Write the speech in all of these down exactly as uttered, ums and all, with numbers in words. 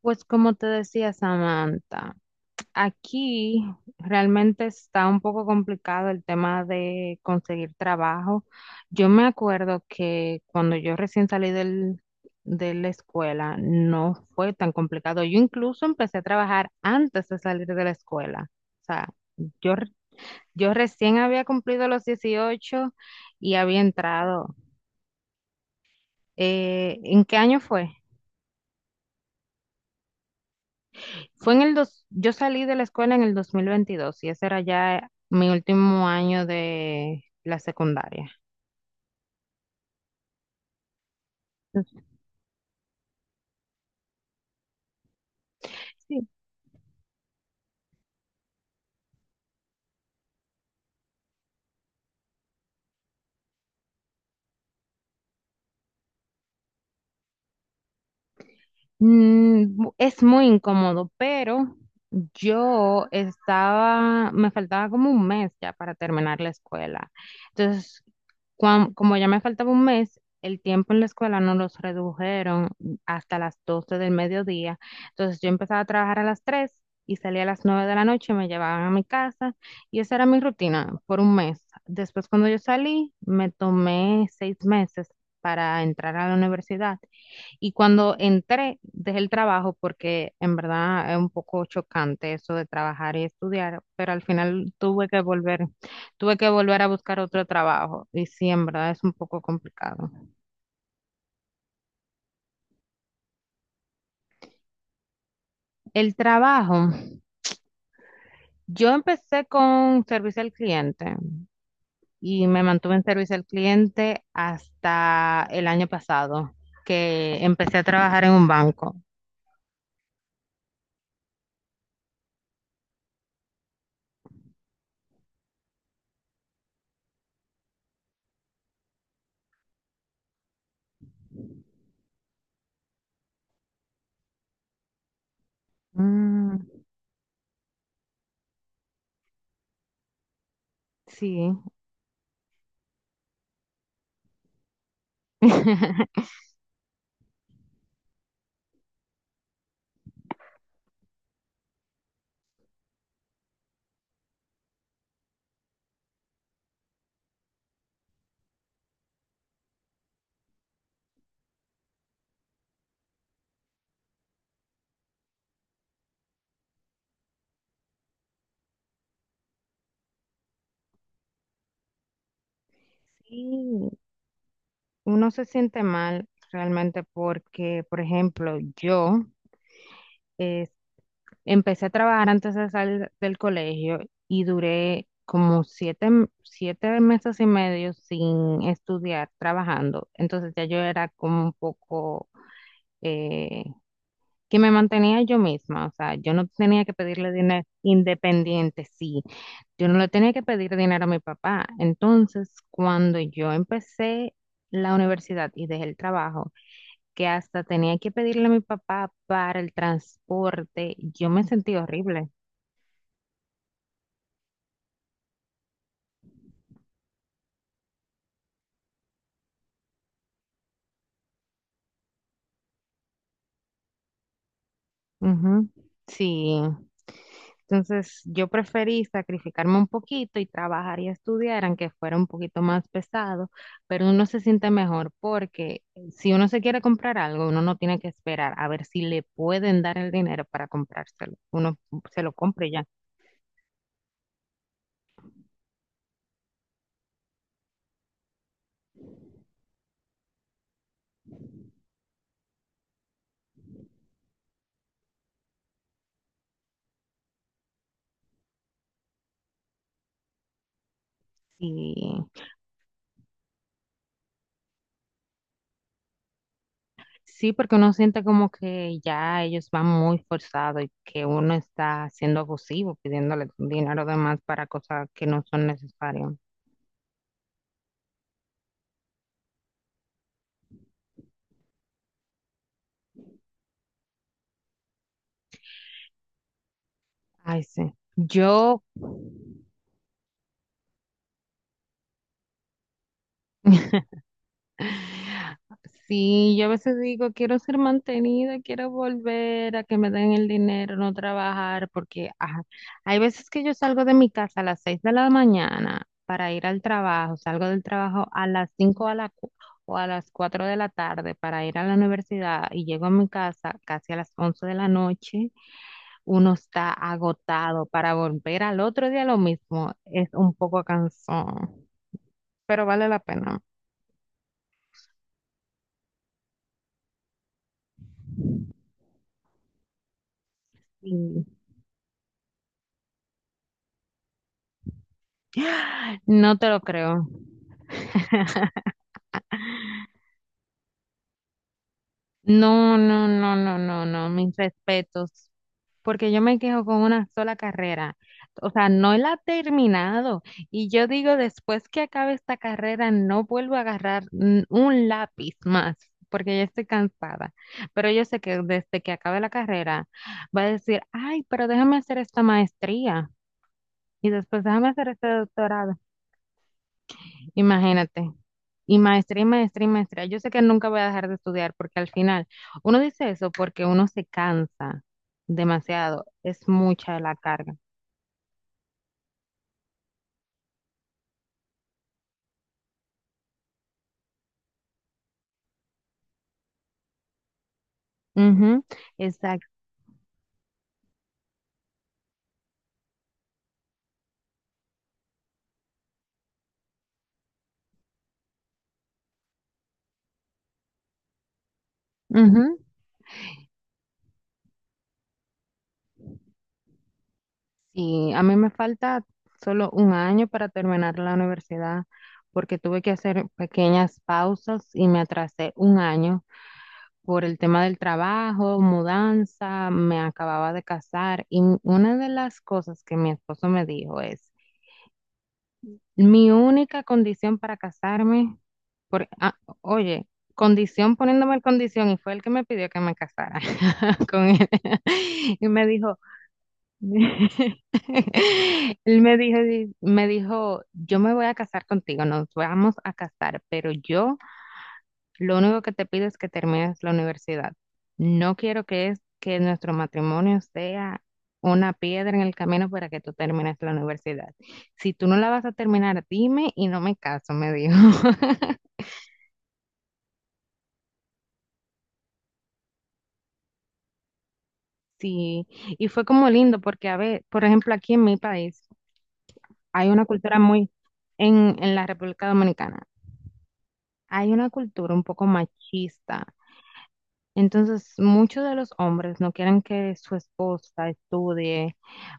Pues como te decía, Samantha, aquí realmente está un poco complicado el tema de conseguir trabajo. Yo me acuerdo que cuando yo recién salí del, de la escuela no fue tan complicado. Yo incluso empecé a trabajar antes de salir de la escuela. O sea, yo, re- yo recién había cumplido los dieciocho y había entrado. Eh, ¿en qué año fue? Fue en el dos, yo salí de la escuela en el dos mil veintidós y ese era ya mi último año de la secundaria. Sí. Mm, bu- es muy incómodo, pero yo estaba, me faltaba como un mes ya para terminar la escuela. Entonces, cuan- como ya me faltaba un mes, el tiempo en la escuela nos los redujeron hasta las doce del mediodía. Entonces, yo empezaba a trabajar a las tres y salía a las nueve de la noche, me llevaban a mi casa y esa era mi rutina por un mes. Después, cuando yo salí, me tomé seis meses para entrar a la universidad y cuando entré, dejé el trabajo porque en verdad es un poco chocante eso de trabajar y estudiar, pero al final tuve que volver, tuve que volver a buscar otro trabajo y sí, en verdad es un poco complicado. El trabajo, yo empecé con servicio al cliente y me mantuve en servicio al cliente hasta el año pasado, que empecé a trabajar en un banco. Mm, sí. Sí, uno se siente mal realmente porque, por ejemplo, yo eh, empecé a trabajar antes de salir del colegio y duré como siete, m- siete meses y medio sin estudiar, trabajando. Entonces ya yo era como un poco eh, que me mantenía yo misma, o sea, yo no tenía que pedirle dinero independiente, sí, yo no le tenía que pedir dinero a mi papá. Entonces, cuando yo empecé la universidad y dejé el trabajo, que hasta tenía que pedirle a mi papá para el transporte. Yo me sentí horrible. Ujú. Sí. Entonces, yo preferí sacrificarme un poquito y trabajar y estudiar, aunque fuera un poquito más pesado, pero uno se siente mejor porque eh, si uno se quiere comprar algo, uno no tiene que esperar a ver si le pueden dar el dinero para comprárselo. Uno se lo compra y ya. Sí, porque uno siente como que ya ellos van muy forzados y que uno está siendo abusivo, pidiéndole dinero de más para cosas que no son necesarias. Ay, sí. Yo. Sí, yo a veces digo, quiero ser mantenida, quiero volver a que me den el dinero, no trabajar, porque ajá, hay veces que yo salgo de mi casa a las seis de la mañana para ir al trabajo, salgo del trabajo a las cinco a la cu- o a las cuatro de la tarde para ir a la universidad y llego a mi casa casi a las once de la noche, uno está agotado para volver al otro día lo mismo, es un poco cansón, pero vale la pena. No te lo creo. No, no, no, no, no, no, mis respetos. Porque yo me quejo con una sola carrera. O sea, no la he terminado. Y yo digo, después que acabe esta carrera, no vuelvo a agarrar n- un lápiz más, porque ya estoy cansada. Pero yo sé que desde que acabe la carrera, va a decir, ay, pero déjame hacer esta maestría. Y después déjame hacer este doctorado. Imagínate. Y maestría, y maestría, y maestría. Yo sé que nunca voy a dejar de estudiar porque al final uno dice eso porque uno se cansa demasiado. Es mucha la carga. Ujú, exacto. Ujú. Sí, a mí me falta solo un año para terminar la universidad porque tuve que hacer pequeñas pausas y me atrasé un año por el tema del trabajo, mudanza, me acababa de casar y una de las cosas que mi esposo me dijo es: mi única condición para casarme, por, ah, oye, condición poniéndome el condición, y fue el que me pidió que me casara con él. Y me dijo, él me dijo, di- me dijo, yo me voy a casar contigo, nos vamos a casar, pero yo lo único que te pido es que termines la universidad. No quiero que es que nuestro matrimonio sea una piedra en el camino para que tú termines la universidad. Si tú no la vas a terminar, dime y no me caso, me dijo. Sí, y fue como lindo porque, a ver, por ejemplo, aquí en mi país hay una cultura muy, en, en la República Dominicana, hay una cultura un poco machista. Entonces, muchos de los hombres no quieren que su esposa estudie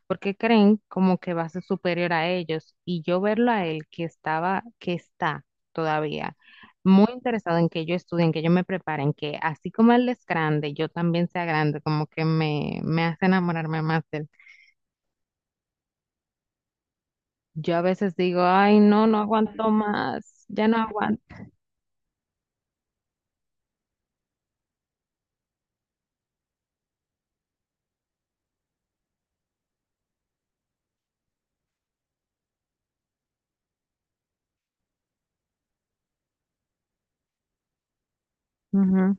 porque creen como que va a ser superior a ellos. Y yo verlo a él que estaba, que está todavía muy interesado en que yo estudie, en que yo me prepare, en que así como él es grande, yo también sea grande, como que me, me hace enamorarme más de él. Yo a veces digo, ay, no, no aguanto más, ya no aguanto. Ujú.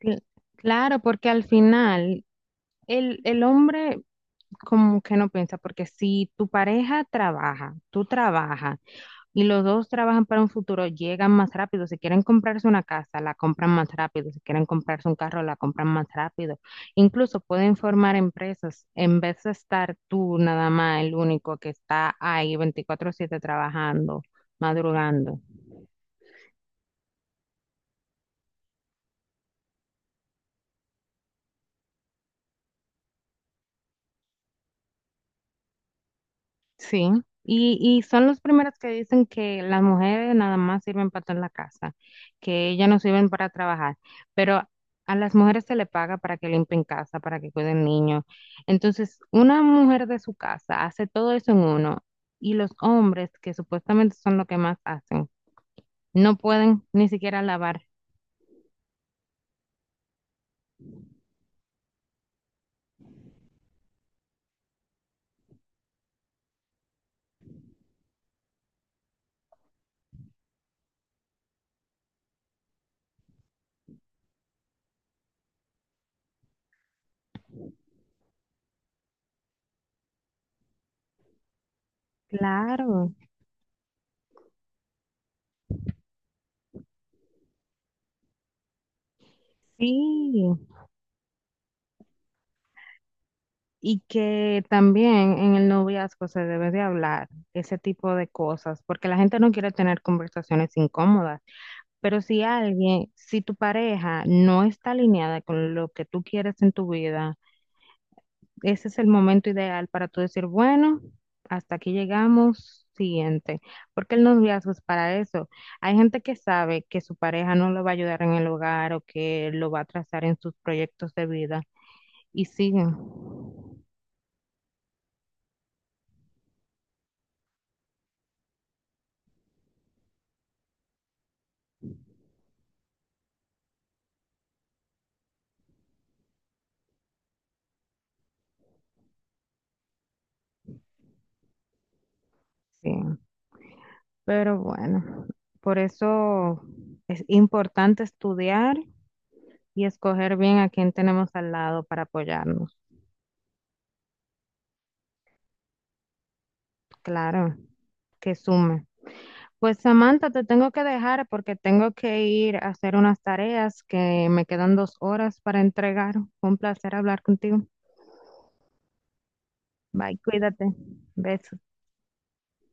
Cl- Claro, porque al final el, el hombre como que no piensa, porque si tu pareja trabaja, tú trabajas y los dos trabajan para un futuro, llegan más rápido. Si quieren comprarse una casa, la compran más rápido. Si quieren comprarse un carro, la compran más rápido. Incluso pueden formar empresas en vez de estar tú nada más el único que está ahí veinticuatro siete trabajando, madrugando. Sí, y, y son los primeros que dicen que las mujeres nada más sirven para estar en la casa, que ellas no sirven para trabajar, pero a las mujeres se le paga para que limpien casa, para que cuiden niños. Entonces, una mujer de su casa hace todo eso en uno y los hombres, que supuestamente son lo que más hacen, no pueden ni siquiera lavar. Claro, sí. Y que también en el noviazgo se debe de hablar ese tipo de cosas, porque la gente no quiere tener conversaciones incómodas, pero si alguien, si tu pareja no está alineada con lo que tú quieres en tu vida, ese es el momento ideal para tú decir, bueno, hasta aquí llegamos, siguiente, porque el noviazgo es para eso. Hay gente que sabe que su pareja no lo va a ayudar en el hogar o que lo va a trazar en sus proyectos de vida y siguen. Sí. Pero bueno, por eso es importante estudiar y escoger bien a quién tenemos al lado para apoyarnos. Claro, que sume. Pues, Samantha, te tengo que dejar porque tengo que ir a hacer unas tareas que me quedan dos horas para entregar. Fue un placer hablar contigo. Bye, cuídate. Besos.